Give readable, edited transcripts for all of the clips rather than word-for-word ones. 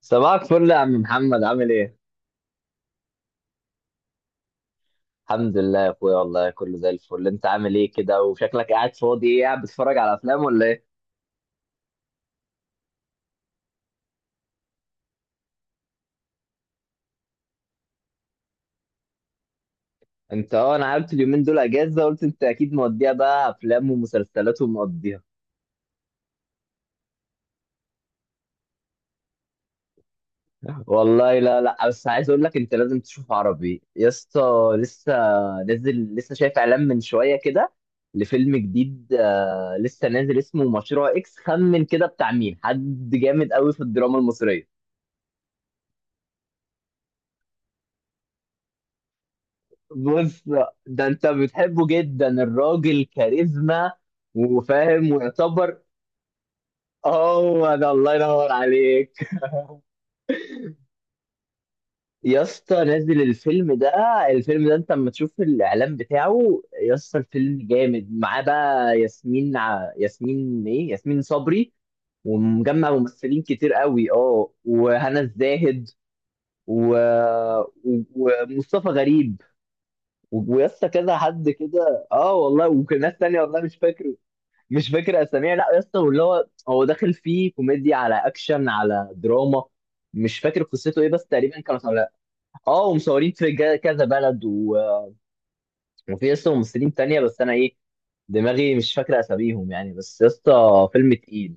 صباحك فل يا عم محمد، عامل ايه؟ الحمد لله يا اخويا، والله كله زي الفل. انت عامل ايه كده وشكلك قاعد فاضي، ايه قاعد بتتفرج على افلام ولا ايه؟ انت اه انا عارف اليومين دول اجازه، قلت انت اكيد موديها بقى افلام ومسلسلات ومقضيها. والله لا لا، بس عايز اقول لك انت لازم تشوف عربي يا اسطى. لسه نزل، لسه شايف اعلان من شويه كده لفيلم جديد، لسه نازل، اسمه مشروع اكس. خمن كده بتاع مين، حد جامد قوي في الدراما المصريه. بص، ده انت بتحبه جدا، الراجل كاريزما وفاهم ويعتبر. هو ده، الله ينور عليك. يا اسطى نزل الفيلم ده، الفيلم ده انت لما تشوف الاعلان بتاعه يا اسطى، الفيلم جامد. معاه بقى ياسمين ياسمين ايه، ياسمين صبري، ومجمع ممثلين كتير قوي، اه، وهنا الزاهد و... ومصطفى غريب ويا اسطى كذا حد كده، اه والله، وكان ناس تانية والله مش فاكر. مش فاكر اساميها، لا يا اسطى. واللي هو هو داخل فيه كوميديا على اكشن على دراما، مش فاكر قصته ايه، بس تقريبا كانوا اه، ومصورين في كذا بلد وفي يا اسطى ممثلين تانية بس انا ايه، دماغي مش فاكر اساميهم يعني، بس يا اسطى فيلم تقيل.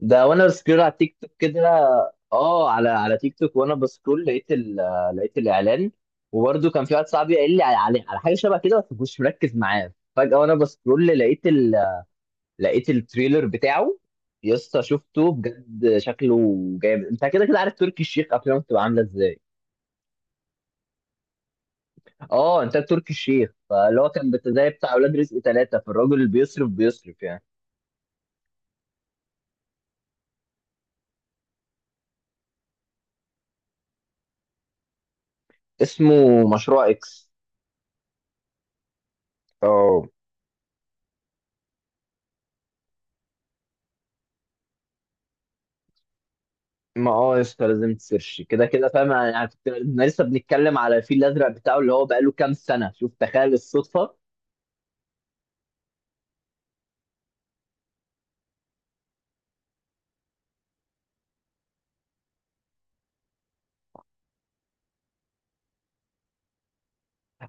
ده وانا بسكرول على تيك توك كده، اه على تيك توك وانا بسكرول لقيت لقيت الاعلان. وبرده كان في واحد صاحبي قال لي على حاجه شبه كده، بس مش مركز معاه، فجاه وانا بسكرول لقيت، لقيت التريلر بتاعه. يا اسطى شفته بجد، شكله جامد. انت كده كده عارف تركي الشيخ افلامه بتبقى عامله ازاي، اه، انت تركي الشيخ، فاللي هو كان زي بتاع اولاد رزق ثلاثه، فالراجل اللي بيصرف بيصرف يعني. اسمه مشروع اكس. اه. ما اه يا اسطى، لازم تسيرش كده كده فاهم يعني، احنا لسه بنتكلم على الفيل الازرق بتاعه اللي هو بقاله كام سنه، شوف تخيل الصدفه.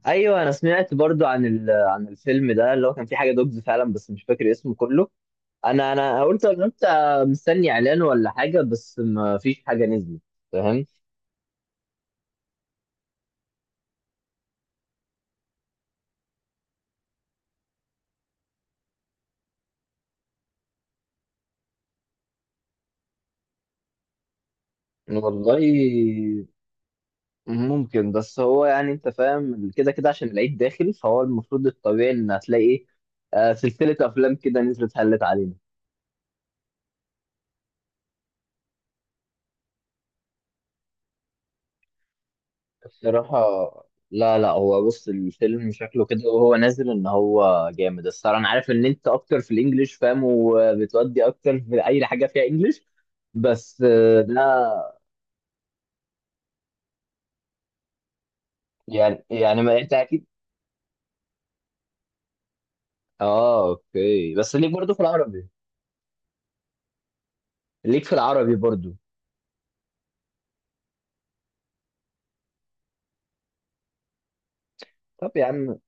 ايوه انا سمعت برضو عن عن الفيلم ده، اللي هو كان فيه حاجه دوجز فعلا بس مش فاكر اسمه كله. انا قلت ان انت مستني اعلان ولا حاجه، بس ما فيش حاجه نزلت. فاهم. والله ممكن، بس هو يعني انت فاهم كده كده عشان العيد داخل، فهو المفروض الطبيعي ان هتلاقي ايه، سلسله افلام كده نزلت هلت علينا. الصراحه لا لا، هو بص الفيلم شكله كده وهو نازل ان هو جامد الصراحه. انا عارف ان انت اكتر في الانجليش فاهم، وبتودي اكتر في اي حاجه فيها انجليش، بس ده يعني يعني، ما انت اكيد. اه اوكي، بس ليك برضو في العربي. ليك في العربي برضو. طب يا عم،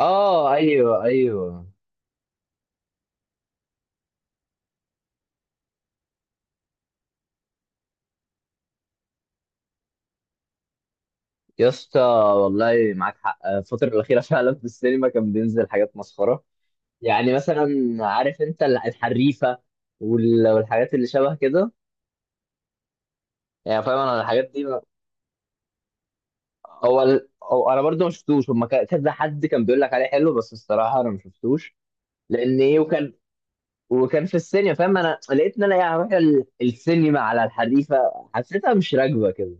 اه ايوه ايوه. يا اسطى والله معاك حق، الفترة الأخيرة فعلا في السينما كان بينزل حاجات مسخرة. يعني مثلا عارف انت الحريفة والحاجات اللي شبه كده، يعني فاهم انا الحاجات دي هو هو انا برضو ما شفتوش. هما كذا حد كان بيقول لك عليه حلو، بس الصراحة انا ما شفتوش. لان ايه وكان، وكان في السينما فاهم. انا لقيت ان انا يعني هروح السينما على الحريفه، حسيتها مش راكبه كده.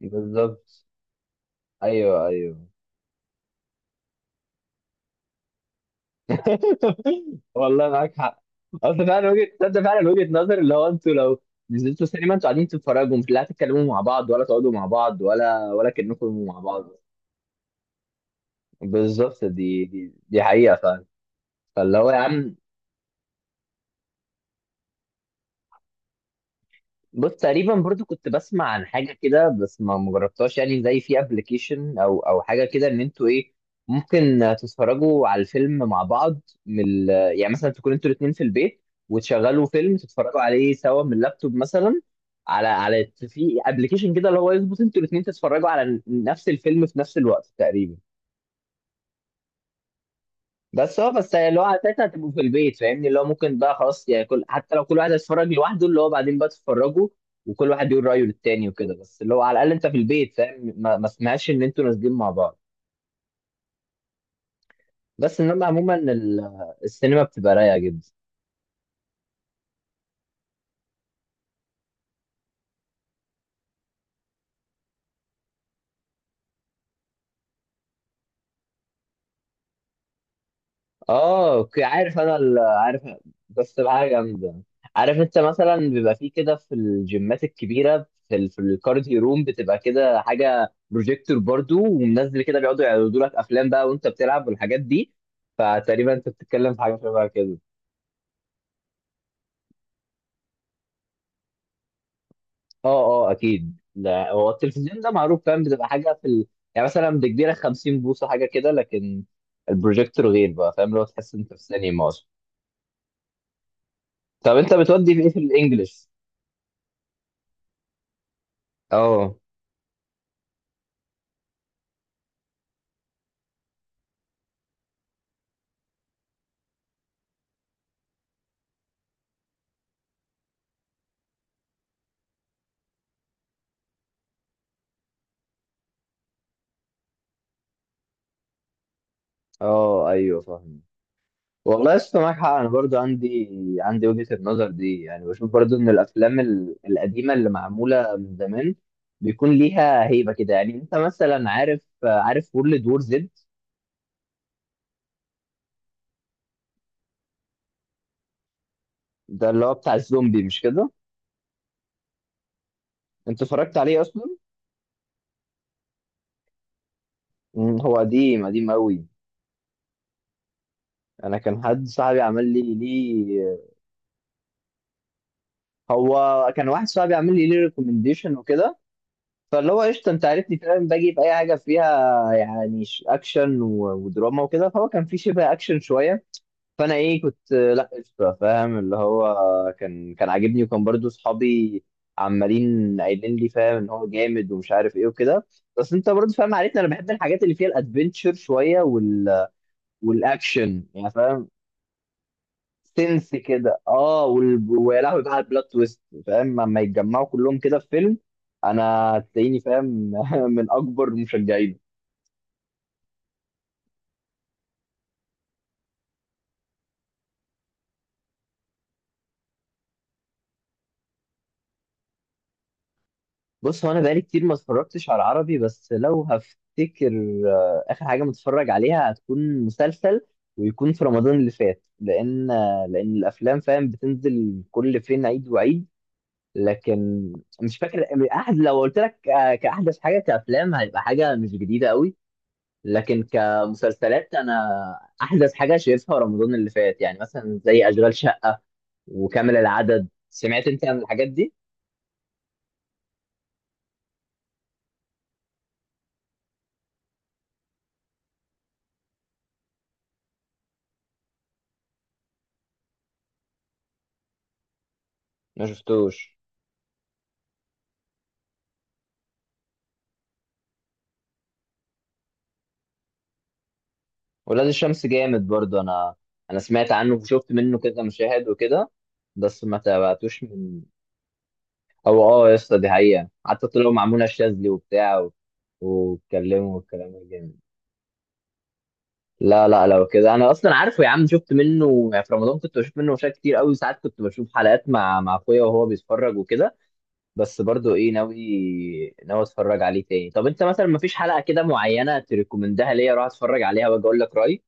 بالظبط، ايوه ايوه. والله معاك حق. اصل فعلا وجهه، تصدق فعلا وجهه نظر، اللي هو انتوا لو نزلتوا سينما انتوا قاعدين تتفرجوا، مش لا تتكلموا مع بعض ولا تقعدوا مع بعض ولا ولا كأنكم مع بعض. بالظبط، دي حقيقه فعلا. فاللي هو يا عم، بص تقريبا برضو كنت بسمع عن حاجه كده بس ما جربتهاش يعني، زي في ابلكيشن او حاجه كده، ان انتوا ايه ممكن تتفرجوا على الفيلم مع بعض من يعني مثلا تكونوا انتوا الاثنين في البيت، وتشغلوا فيلم تتفرجوا عليه سوا من اللابتوب مثلا، على في ابلكيشن كده، اللي هو يظبط انتوا الاثنين تتفرجوا على نفس الفيلم في نفس الوقت تقريبا. بس هو بس، اللي هو على فكره هتبقوا في البيت فاهمني، اللي هو ممكن بقى خلاص يعني، كل، حتى لو كل واحد هيتفرج لوحده، اللي هو بعدين بقى تتفرجوا وكل واحد يقول رايه للتاني وكده. بس اللي هو على الاقل انت في البيت فاهم، ما سمعش ان انتوا نازلين مع بعض. بس انما عموما السينما بتبقى رايقه جدا. اه اوكي، عارف انا عارف، بس بحاجه جامده. عارف انت مثلا بيبقى فيه كده في الجيمات الكبيره، في في الكارديو روم بتبقى كده حاجه بروجيكتور برضو ومنزل كده، بيقعدوا يعرضوا لك افلام بقى وانت بتلعب والحاجات دي. فتقريبا انت بتتكلم في حاجه شبه كده. اه اه اكيد، لا هو التلفزيون ده معروف فاهم، بتبقى حاجه في يعني مثلا بكبيره 50 بوصه حاجه كده، لكن البروجيكتور غير بقى فاهم، لو تحس انت في سينما اصلا. طب انت بتودي في ايه في الانجليش؟ اه اه ايوه فاهم. والله يا اسطى معاك حق، انا برضو عندي وجهة النظر دي. يعني بشوف برضو ان الافلام القديمة اللي معمولة من زمان بيكون ليها هيبة كده. يعني انت مثلا عارف، وورلد وور زد، ده اللي هو بتاع الزومبي مش كده، انت اتفرجت عليه اصلا؟ مم، هو قديم قديم قوي. انا كان حد صاحبي عمل لي ليه، هو كان واحد صاحبي عامل لي ليه ريكومنديشن وكده. فاللي هو قشطه، انت عارفني فاهم باجي في اي حاجه فيها، يعني اكشن ودراما وكده، فهو كان في شبه اكشن شويه، فانا ايه كنت لا قشطه فاهم، اللي هو كان عاجبني، وكان برضو صحابي عمالين قايلين لي فاهم ان هو جامد ومش عارف ايه وكده. بس انت برضو فاهم، عارفني انا بحب الحاجات اللي فيها الادفنتشر شويه والاكشن يعني فاهم، سنس كده اه ويا لهوي بقى على البلوت تويست فاهم، لما يتجمعوا كلهم كده في فيلم انا تلاقيني فاهم من اكبر مشجعينه. بص هو انا بقالي كتير ما اتفرجتش على العربي، بس لو هفتكر اخر حاجه متفرج عليها هتكون مسلسل ويكون في رمضان اللي فات. لان لان الافلام فاهم بتنزل كل فين عيد وعيد، لكن مش فاكر احد. لو قلت لك كاحدث حاجه كافلام هيبقى حاجه مش جديده قوي، لكن كمسلسلات انا احدث حاجه شايفها رمضان اللي فات. يعني مثلا زي اشغال شقه وكامل العدد، سمعت انت عن الحاجات دي؟ ما شفتوش ولاد الشمس جامد برضه. انا انا سمعت عنه وشفت منه كده مشاهد وكده بس ما تابعتوش من. او اه يا اسطى دي حقيقه، حتى طلعوا مع منى الشاذلي وبتاع واتكلموا والكلام الجامد. لا لا لو كده انا اصلا عارفه يا عم، شفت منه يعني في رمضان، كنت بشوف منه مشاهد كتير قوي، ساعات كنت بشوف حلقات مع اخويا وهو بيتفرج وكده. بس برضو ايه، ناوي اتفرج عليه تاني. طب انت مثلا مفيش حلقة كده معينة تريكومندها ليا اروح اتفرج عليها واجي اقول لك رأيي؟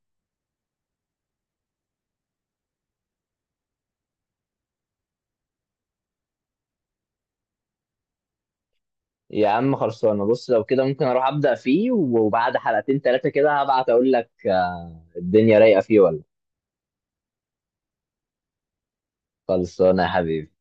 يا عم خلصانه، بص لو كده ممكن اروح ابدأ فيه وبعد حلقتين ثلاثة كده هبعت اقول لك الدنيا رايقة فيه ولا. خلصانه يا حبيبي.